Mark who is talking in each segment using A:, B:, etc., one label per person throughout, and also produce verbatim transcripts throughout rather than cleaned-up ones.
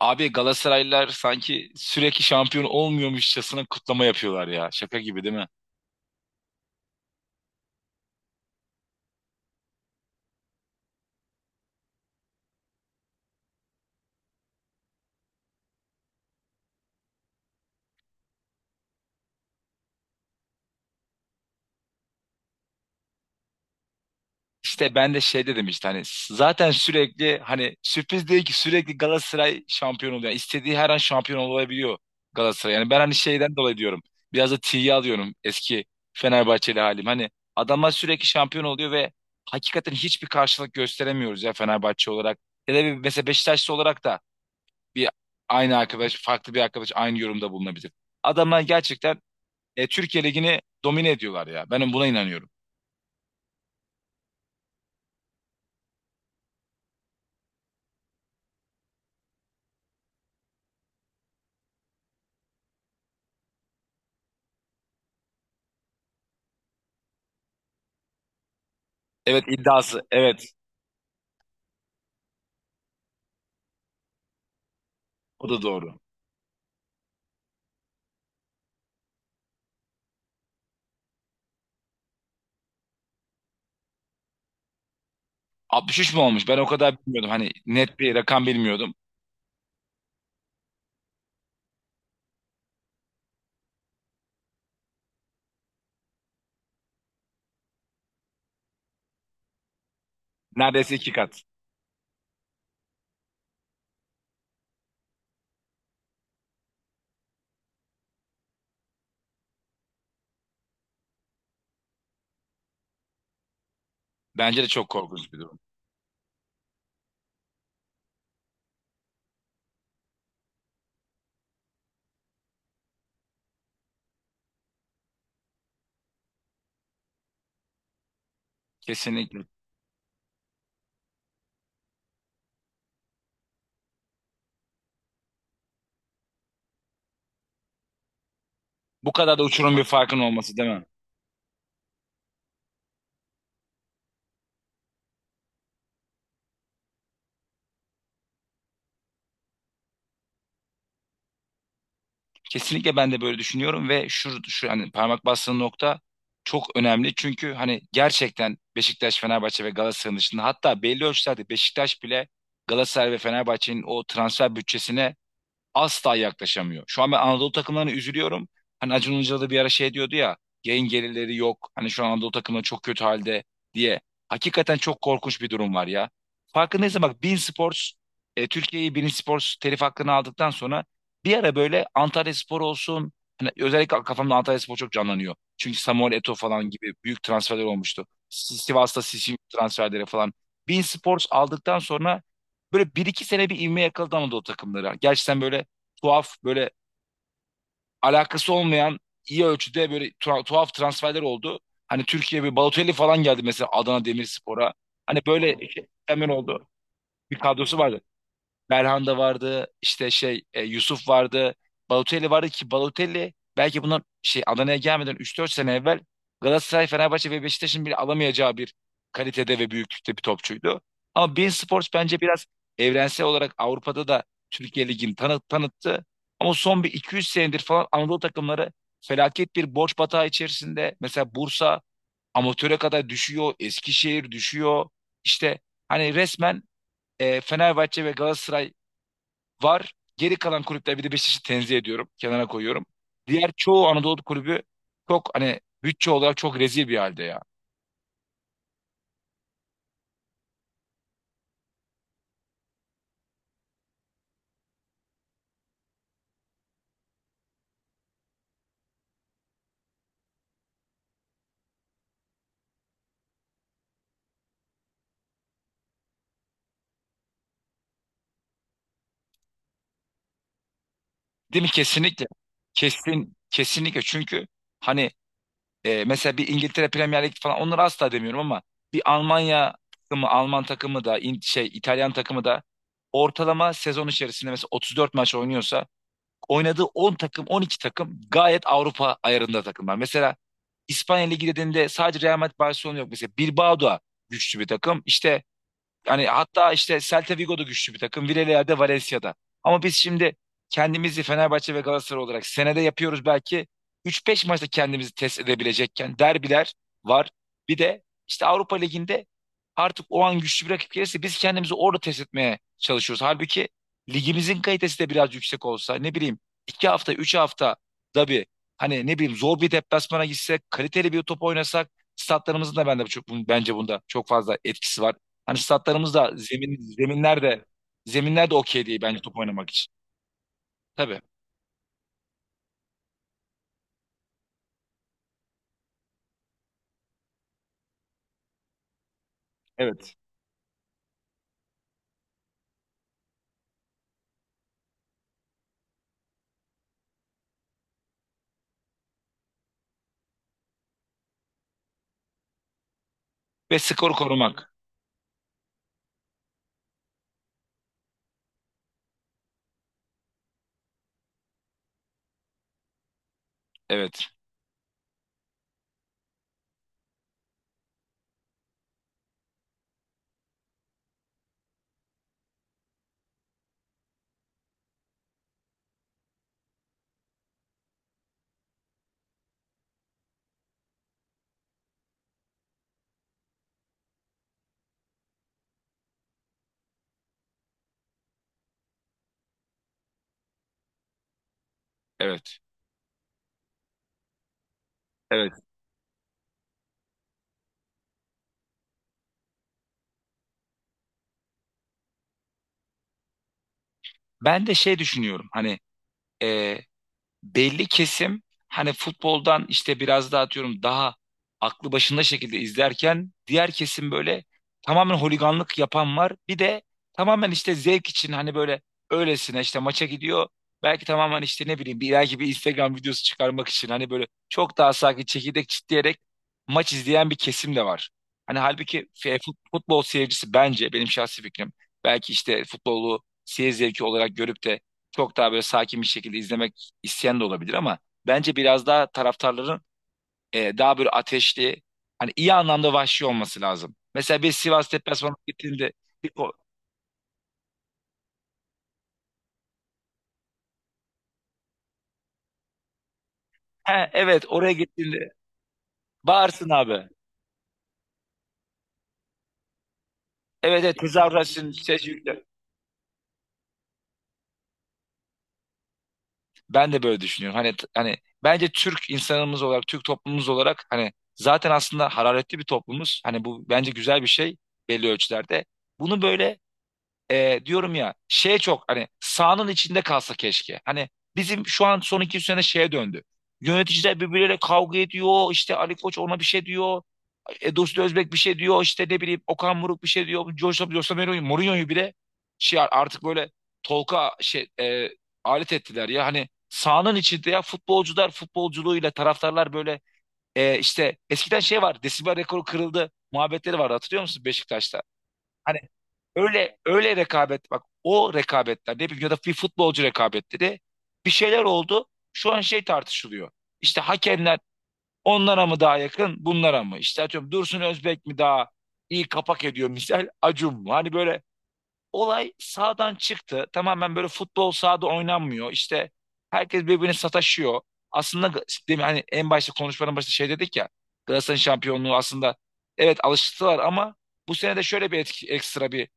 A: Abi Galatasaraylılar sanki sürekli şampiyon olmuyormuşçasına kutlama yapıyorlar ya. Şaka gibi değil mi? İşte ben de şey dedim işte hani zaten sürekli hani sürpriz değil ki sürekli Galatasaray şampiyon oluyor. Yani istediği her an şampiyon olabiliyor Galatasaray. Yani ben hani şeyden dolayı diyorum. Biraz da tiye alıyorum eski Fenerbahçeli halim. Hani adamlar sürekli şampiyon oluyor ve hakikaten hiçbir karşılık gösteremiyoruz ya Fenerbahçe olarak. Ya da bir, mesela Beşiktaşlı olarak da bir aynı arkadaş, farklı bir arkadaş aynı yorumda bulunabilir. Adamlar gerçekten e, Türkiye Ligi'ni domine ediyorlar ya. Ben buna inanıyorum. Evet iddiası. Evet o da doğru. altmış üç mu olmuş? Ben o kadar bilmiyordum. Hani net bir rakam bilmiyordum. Neredeyse iki kat. Bence de çok korkunç bir durum. Kesinlikle. Bu kadar da uçurum bir farkın olması değil mi? Kesinlikle ben de böyle düşünüyorum ve şu, şu hani parmak bastığın nokta çok önemli. Çünkü hani gerçekten Beşiktaş, Fenerbahçe ve Galatasaray'ın dışında hatta belli ölçülerde Beşiktaş bile Galatasaray ve Fenerbahçe'nin o transfer bütçesine asla yaklaşamıyor. Şu an ben Anadolu takımlarına üzülüyorum. Hani Acun Ilıcalı da bir ara şey diyordu ya yayın gelirleri yok. Hani şu an Anadolu takımları çok kötü halde diye. Hakikaten çok korkunç bir durum var ya. Farkındaysan bak Bein Sports e, Türkiye'yi Bein Sports telif hakkını aldıktan sonra bir ara böyle Antalya Spor olsun hani özellikle kafamda Antalya Spor çok canlanıyor. Çünkü Samuel Eto'o falan gibi büyük transferler olmuştu. Si- Sivas'ta Sisi transferleri falan. Bein Sports aldıktan sonra böyle bir iki sene bir ivme yakaladı Anadolu takımları. Gerçekten böyle tuhaf böyle alakası olmayan iyi ölçüde böyle tu- tuhaf transferler oldu. Hani Türkiye bir Balotelli falan geldi mesela Adana Demirspor'a. Hani böyle şey, hemen oldu. Bir kadrosu vardı. Belhanda vardı, işte şey e, Yusuf vardı, Balotelli vardı ki Balotelli belki bundan şey Adana'ya gelmeden üç dört sene evvel Galatasaray, Fenerbahçe ve Beşiktaş'ın bile alamayacağı bir kalitede ve büyüklükte bir topçuydu. Ama beIN Sports bence biraz evrensel olarak Avrupa'da da Türkiye Ligi'ni tanı tanıttı. Ama son bir iki yüz senedir falan Anadolu takımları felaket bir borç batağı içerisinde. Mesela Bursa amatöre kadar düşüyor, Eskişehir düşüyor. İşte hani resmen e, Fenerbahçe ve Galatasaray var. Geri kalan kulüpler bir de Beşiktaş'ı tenzih ediyorum. Kenara koyuyorum. Diğer çoğu Anadolu kulübü çok hani bütçe olarak çok rezil bir halde ya. Değil mi? Kesinlikle. Kesin, kesinlikle. Çünkü hani e, mesela bir İngiltere Premier Lig falan onları asla demiyorum ama bir Almanya takımı, Alman takımı da İn- şey İtalyan takımı da ortalama sezon içerisinde mesela otuz dört maç oynuyorsa oynadığı on takım on iki takım gayet Avrupa ayarında takımlar. Mesela İspanya Ligi dediğinde sadece Real Madrid Barcelona yok. Mesela Bilbao da güçlü bir takım. İşte hani hatta işte Celta Vigo da güçlü bir takım. Villarreal'de, Valencia'da. Ama biz şimdi kendimizi Fenerbahçe ve Galatasaray olarak senede yapıyoruz belki. üç beş maçta kendimizi test edebilecekken derbiler var. Bir de işte Avrupa Ligi'nde artık o an güçlü bir rakip gelirse biz kendimizi orada test etmeye çalışıyoruz. Halbuki ligimizin kalitesi de biraz yüksek olsa ne bileyim iki hafta üç hafta da bir hani ne bileyim zor bir deplasmana gitsek kaliteli bir top oynasak statlarımızın da bende çok, bence bunda çok fazla etkisi var. Hani statlarımız da zemin, zeminler de zeminler de okey değil bence top oynamak için. Tabii. Evet. Ve skoru korumak. Evet. Evet. Evet. Ben de şey düşünüyorum. Hani e, belli kesim hani futboldan işte biraz daha atıyorum daha aklı başında şekilde izlerken diğer kesim böyle tamamen holiganlık yapan var. Bir de tamamen işte zevk için hani böyle öylesine işte maça gidiyor. Belki tamamen işte ne bileyim bir belki bir Instagram videosu çıkarmak için hani böyle çok daha sakin çekirdek çitleyerek maç izleyen bir kesim de var. Hani halbuki f- futbol seyircisi bence benim şahsi fikrim belki işte futbolu seyir zevki olarak görüp de çok daha böyle sakin bir şekilde izlemek isyan da olabilir ama bence biraz daha taraftarların e, daha böyle ateşli hani iyi anlamda vahşi olması lazım. Mesela bir Sivas deplasmanına gittiğinde bir ko- he, evet oraya gittiğinde bağırsın abi. Evet evet tezahür etsin, ses yükle. Ben de böyle düşünüyorum. Hani hani bence Türk insanımız olarak Türk toplumumuz olarak hani zaten aslında hararetli bir toplumuz. Hani bu bence güzel bir şey belli ölçülerde. Bunu böyle e, diyorum ya şey çok hani sahanın içinde kalsa keşke. Hani bizim şu an son iki üç sene şeye döndü. Yöneticiler birbirleriyle kavga ediyor. İşte Ali Koç ona bir şey diyor. E, Dursun Özbek bir şey diyor. İşte ne bileyim Okan Buruk bir şey diyor. Jose, Jose Mourinho, Mourinho'yu bile şey artık böyle Tolga şey e, alet ettiler ya. Hani sahanın içinde ya futbolcular futbolculuğuyla taraftarlar böyle e, işte eskiden şey var. Desibel rekoru kırıldı muhabbetleri vardı hatırlıyor musun Beşiktaş'ta? Hani öyle öyle rekabet bak o rekabetler ne bileyim ya da bir futbolcu rekabetleri bir şeyler oldu. Şu an şey tartışılıyor. İşte hakemler onlara mı daha yakın bunlara mı? İşte atıyorum Dursun Özbek mi daha iyi kapak ediyor misal Acun mu? Hani böyle olay sağdan çıktı. Tamamen böyle futbol sahada oynanmıyor. İşte herkes birbirine sataşıyor. Aslında değil mi? Hani en başta konuşmanın başında şey dedik ya. Galatasaray'ın şampiyonluğu aslında evet alıştılar ama bu sene de şöyle bir etki, ekstra bir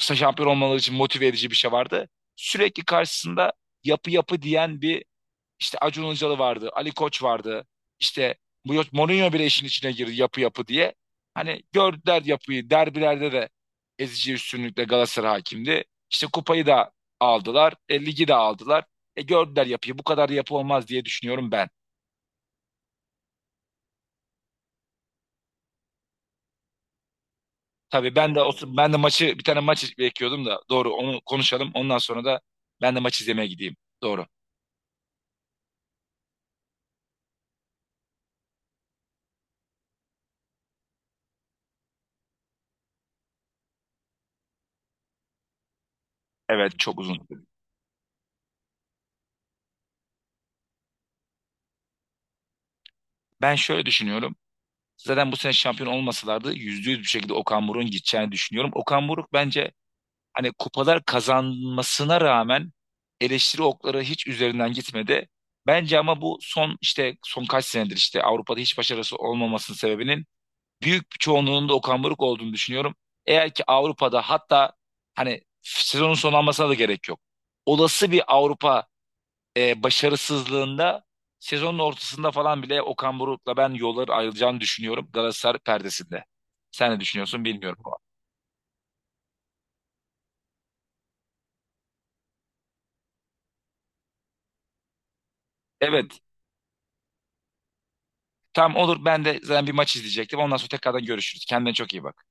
A: Musa şampiyon olmaları için motive edici bir şey vardı. Sürekli karşısında yapı yapı diyen bir işte Acun Ilıcalı vardı, Ali Koç vardı. İşte bu- Mourinho bile işin içine girdi yapı yapı diye. Hani gördüler yapıyı. Derbilerde de ezici üstünlükle Galatasaray hakimdi. İşte kupayı da aldılar, e, ligi de aldılar. E, gördüler yapıyı. Bu kadar yapı olmaz diye düşünüyorum ben. Tabii ben de o, Hmm. ben de maçı bir tane maç bekliyordum da doğru onu konuşalım. Ondan sonra da ben de maç izlemeye gideyim. Doğru. Evet çok uzun. Ben şöyle düşünüyorum. Zaten bu sene şampiyon olmasalardı yüzde yüz bir şekilde Okan Buruk'un gideceğini düşünüyorum. Okan Buruk bence hani kupalar kazanmasına rağmen eleştiri okları hiç üzerinden gitmedi. Bence ama bu son işte son kaç senedir işte Avrupa'da hiç başarısı olmamasının sebebinin büyük bir çoğunluğunun da Okan Buruk olduğunu düşünüyorum. Eğer ki Avrupa'da hatta hani sezonun sonlanmasına da gerek yok. Olası bir Avrupa e, başarısızlığında sezonun ortasında falan bile Okan Buruk'la ben yolları ayrılacağını düşünüyorum Galatasaray perdesinde. Sen ne düşünüyorsun bilmiyorum. Evet. Tamam olur. Ben de zaten bir maç izleyecektim. Ondan sonra tekrardan görüşürüz. Kendine çok iyi bak.